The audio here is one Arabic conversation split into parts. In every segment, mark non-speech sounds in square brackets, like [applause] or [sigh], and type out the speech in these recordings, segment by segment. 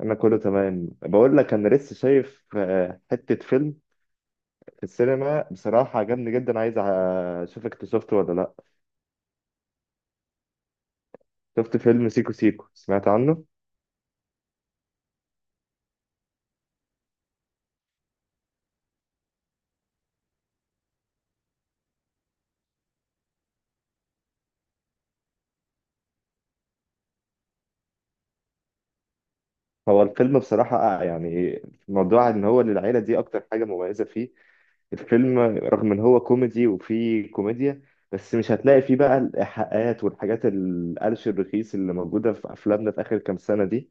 انا كله تمام بقول لك انا لسه شايف حتة فيلم في السينما بصراحة عجبني جدا. عايز اشوفك انت شفته ولا لا؟ شفت فيلم سيكو سيكو؟ سمعت عنه؟ هو الفيلم بصراحة يعني موضوع ان هو للعيلة دي اكتر حاجة مميزة فيه. الفيلم رغم ان هو كوميدي وفيه كوميديا، بس مش هتلاقي فيه بقى الايحاءات والحاجات القلش الرخيص اللي موجودة في افلامنا في اخر كام سنة دي.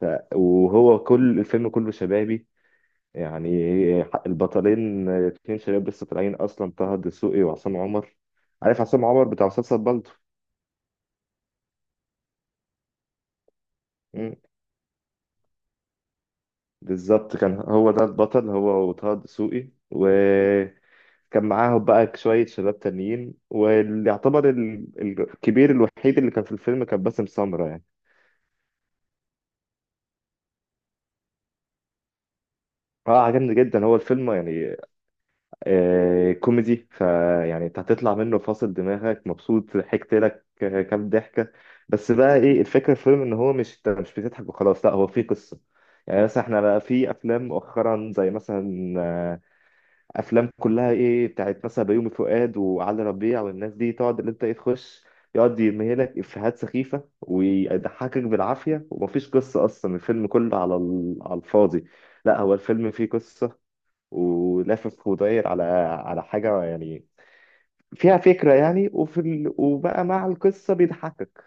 وهو كل الفيلم كله شبابي يعني. البطلين اتنين شباب لسه طالعين اصلا، طه الدسوقي وعصام عمر. عارف عصام عمر بتاع مسلسل بالطو؟ مم. بالظبط، كان هو ده البطل، هو وطه الدسوقي، وكان معاهم بقى شوية شباب تانيين، واللي يعتبر الكبير الوحيد اللي كان في الفيلم كان باسم سمرة يعني. اه عجبني جدا هو الفيلم يعني. كوميدي، فيعني انت هتطلع منه فاصل دماغك مبسوط، ضحكت لك كام ضحكه. بس بقى ايه الفكره في الفيلم، ان هو مش انت مش بتضحك وخلاص، لا هو في قصه. يعني مثلا احنا بقى في افلام مؤخرا زي مثلا افلام كلها ايه بتاعت مثلا بيومي فؤاد وعلي ربيع والناس دي، تقعد اللي انت ايه تخش، يقعد يمهلك افيهات سخيفه ويضحكك بالعافيه ومفيش قصه اصلا، الفيلم كله على على الفاضي. لا هو الفيلم فيه قصه ولافف وداير على على حاجة يعني فيها فكرة يعني، وفي وبقى مع القصة بيضحكك.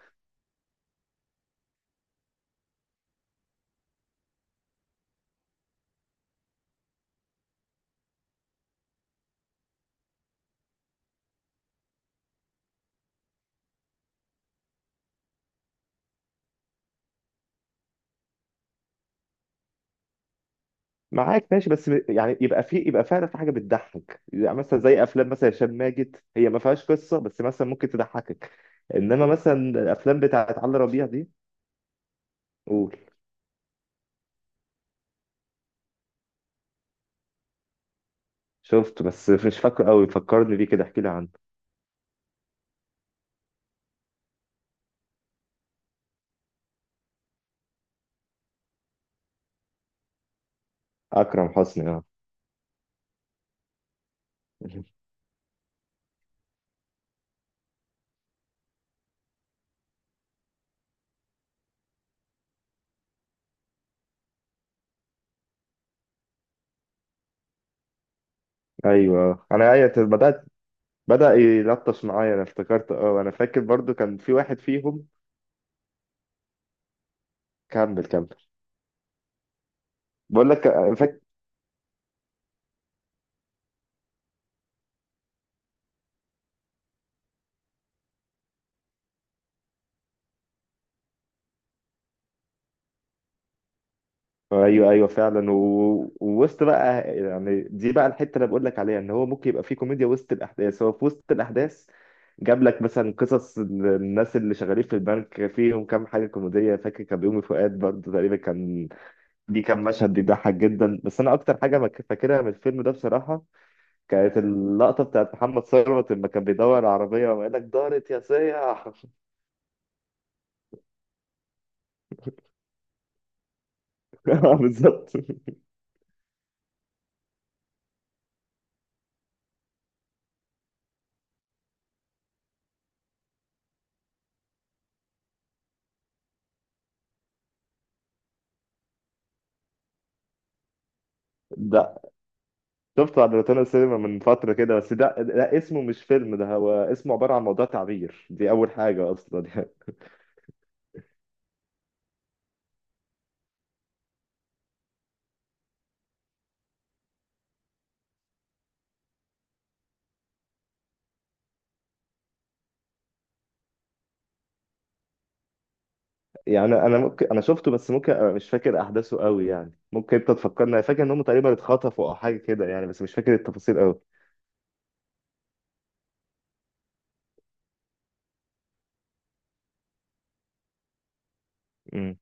معاك ماشي، بس يعني يبقى فعلا في حاجة بتضحك، يعني مثلا زي أفلام مثلا هشام ماجد، هي ما فيهاش قصة بس مثلا ممكن تضحكك. إنما مثلا الأفلام بتاعت علي ربيع دي، قول. شفت بس مش فاكره قوي، فكرني بيه كده احكي لي عنه. أكرم حسني، اه. [laughs] ايوه آه. انا ايوه بدات بدا يلطش معايا، انا افتكرت، اه انا فاكر برضو كان في واحد فيهم. كمل كمل. بقول لك. فاكر. ايوه ايوه فعلا. ووسط بقى يعني، دي بقى الحته اللي بقول لك عليها، ان هو ممكن يبقى في كوميديا وسط الاحداث. هو في وسط الاحداث جاب لك مثلا قصص الناس اللي شغالين في البنك، فيهم كام حاجه كوميديه، فاكر كان بيومي فؤاد برضه تقريبا كان. دي كان مشهد بيضحك جدا. بس انا اكتر حاجه فاكرها من الفيلم ده بصراحه كانت اللقطه بتاعت محمد ثروت لما كان بيدور على عربيه وقال لك دارت يا سيح. [laughs] بالظبط. ده شفته على روتانا سينما من فترة كده، بس ده اسمه مش فيلم، ده هو اسمه عبارة عن موضوع تعبير، دي أول حاجة أصلا يعني. [laughs] يعني أنا ممكن أنا شفته بس ممكن أبقى مش فاكر أحداثه قوي يعني، ممكن أنت تفكرني، أنا فاكر إن هم تقريبا اتخطفوا أو حاجة كده يعني، بس مش فاكر التفاصيل قوي. امم.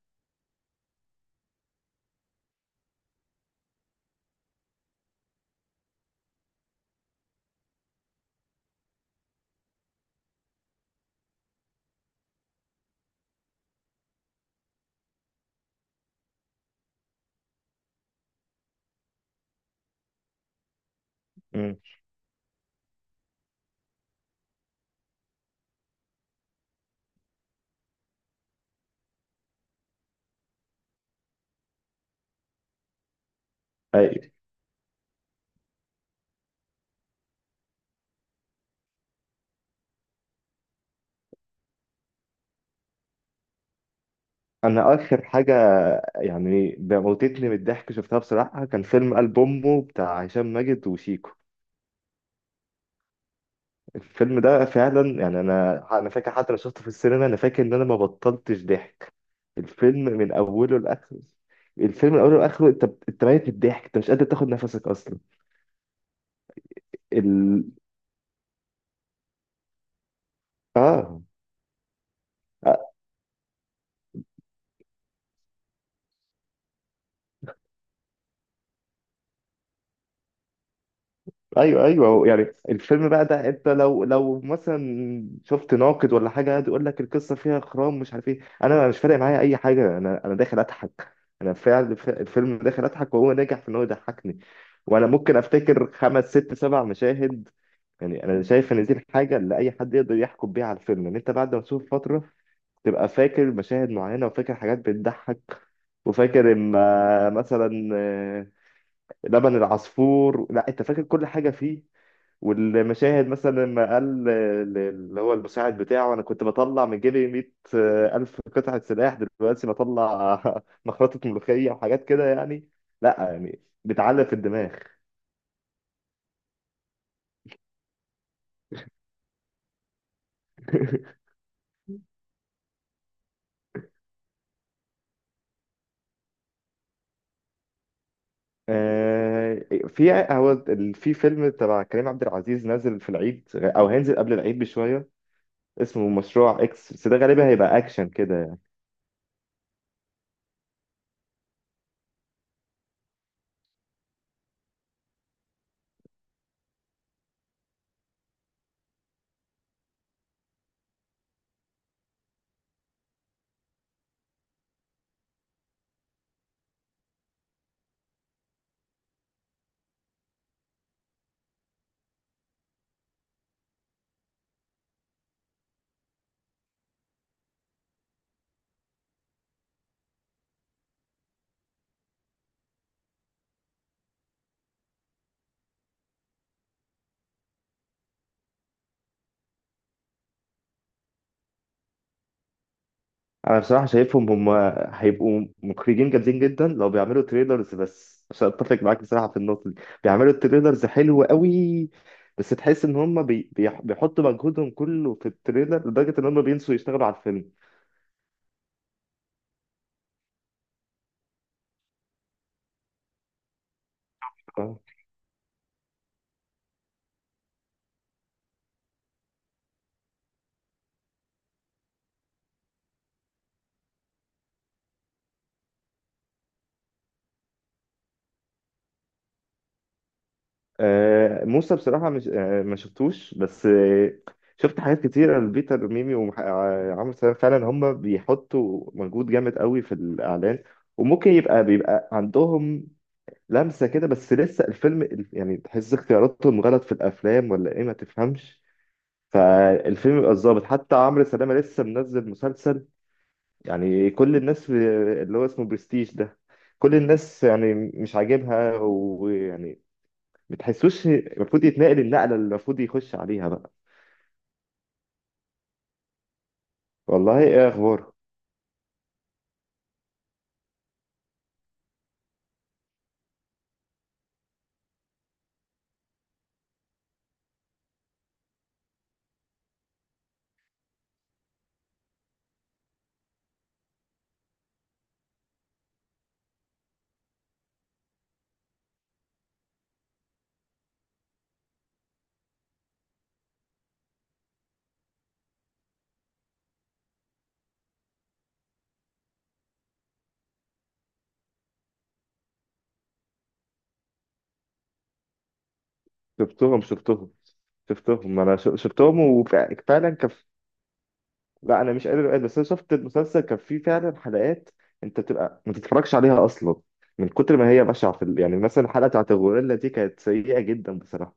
امم. أيوة. أنا آخر حاجة يعني موتتني من الضحك شفتها بصراحة كان فيلم قلب أمه بتاع هشام ماجد وشيكو. الفيلم ده فعلا يعني انا فاكر، حتى لو شفته في السينما، انا فاكر ان انا ما بطلتش ضحك. الفيلم من اوله لاخره. الفيلم من اوله لاخره انت انت ميت من الضحك، انت مش قادر تاخد نفسك اصلا. ال... اه. آه، ايوه ايوه يعني، الفيلم بقى ده انت لو مثلا شفت ناقد ولا حاجه قاعد يقول لك القصه فيها خرام مش عارف ايه، انا مش فارق معايا اي حاجه، انا داخل اضحك. انا فعلا الفيلم داخل اضحك، وهو ناجح في ان هو يضحكني. وانا ممكن افتكر خمس ست سبع مشاهد. يعني انا شايف ان دي الحاجه اللي اي حد يقدر يحكم بيها على الفيلم، ان انت بعد ما تشوف فتره تبقى فاكر مشاهد معينه وفاكر حاجات بتضحك. وفاكر اما مثلا لبن العصفور، لا انت فاكر كل حاجه فيه. والمشاهد مثلا لما قال اللي هو المساعد بتاعه: انا كنت بطلع من جيبي 100 الف قطعه سلاح، دلوقتي بطلع [laughs] مخرطه ملوخيه وحاجات كده يعني. لا يعني بتعلق في الدماغ. [laughs] آه، في هو في فيلم تبع كريم عبد العزيز نازل في العيد او هينزل قبل العيد بشويه، اسمه مشروع اكس، بس ده غالبا هيبقى اكشن كده يعني. انا بصراحه شايفهم هم هيبقوا مخرجين جامدين جدا لو بيعملوا تريلرز بس، عشان اتفق معاك بصراحه في النقطه دي، بيعملوا تريلرز حلو قوي، بس تحس ان هم بيحطوا مجهودهم كله في التريلر لدرجه ان هم بينسوا يشتغلوا على الفيلم. موسى بصراحة مش ما شفتوش، بس شفت حاجات كتيرة لبيتر ميمي وعمرو سلام، فعلا هم بيحطوا مجهود جامد قوي في الإعلان، وممكن يبقى بيبقى عندهم لمسة كده، بس لسه الفيلم يعني تحس اختياراتهم غلط في الأفلام ولا إيه، ما تفهمش فالفيلم يبقى ظابط. حتى عمرو سلامة لسه منزل مسلسل، يعني كل الناس اللي هو اسمه برستيج ده، كل الناس يعني مش عاجبها ويعني بتحسوش المفروض يتنقل النقله اللي المفروض يخش عليها بقى. والله ايه اخبار. شفتهم شفتهم شفتهم، انا شفتهم وفعلا كف. لا انا مش قادر أقول، بس انا شفت المسلسل كان فيه فعلا حلقات انت بتبقى ما تتفرجش عليها اصلا من كتر ما هي بشعه في يعني مثلا الحلقه بتاعت الغوريلا دي كانت سيئه جدا بصراحه.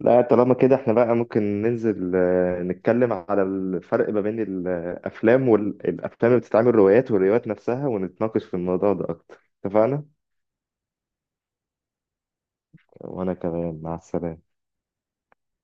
لا طالما كده احنا بقى ممكن ننزل نتكلم على الفرق ما بين الافلام والافلام اللي بتتعمل روايات والروايات نفسها، ونتناقش في الموضوع ده اكتر، اتفقنا؟ وأنا كمان مع السلامة.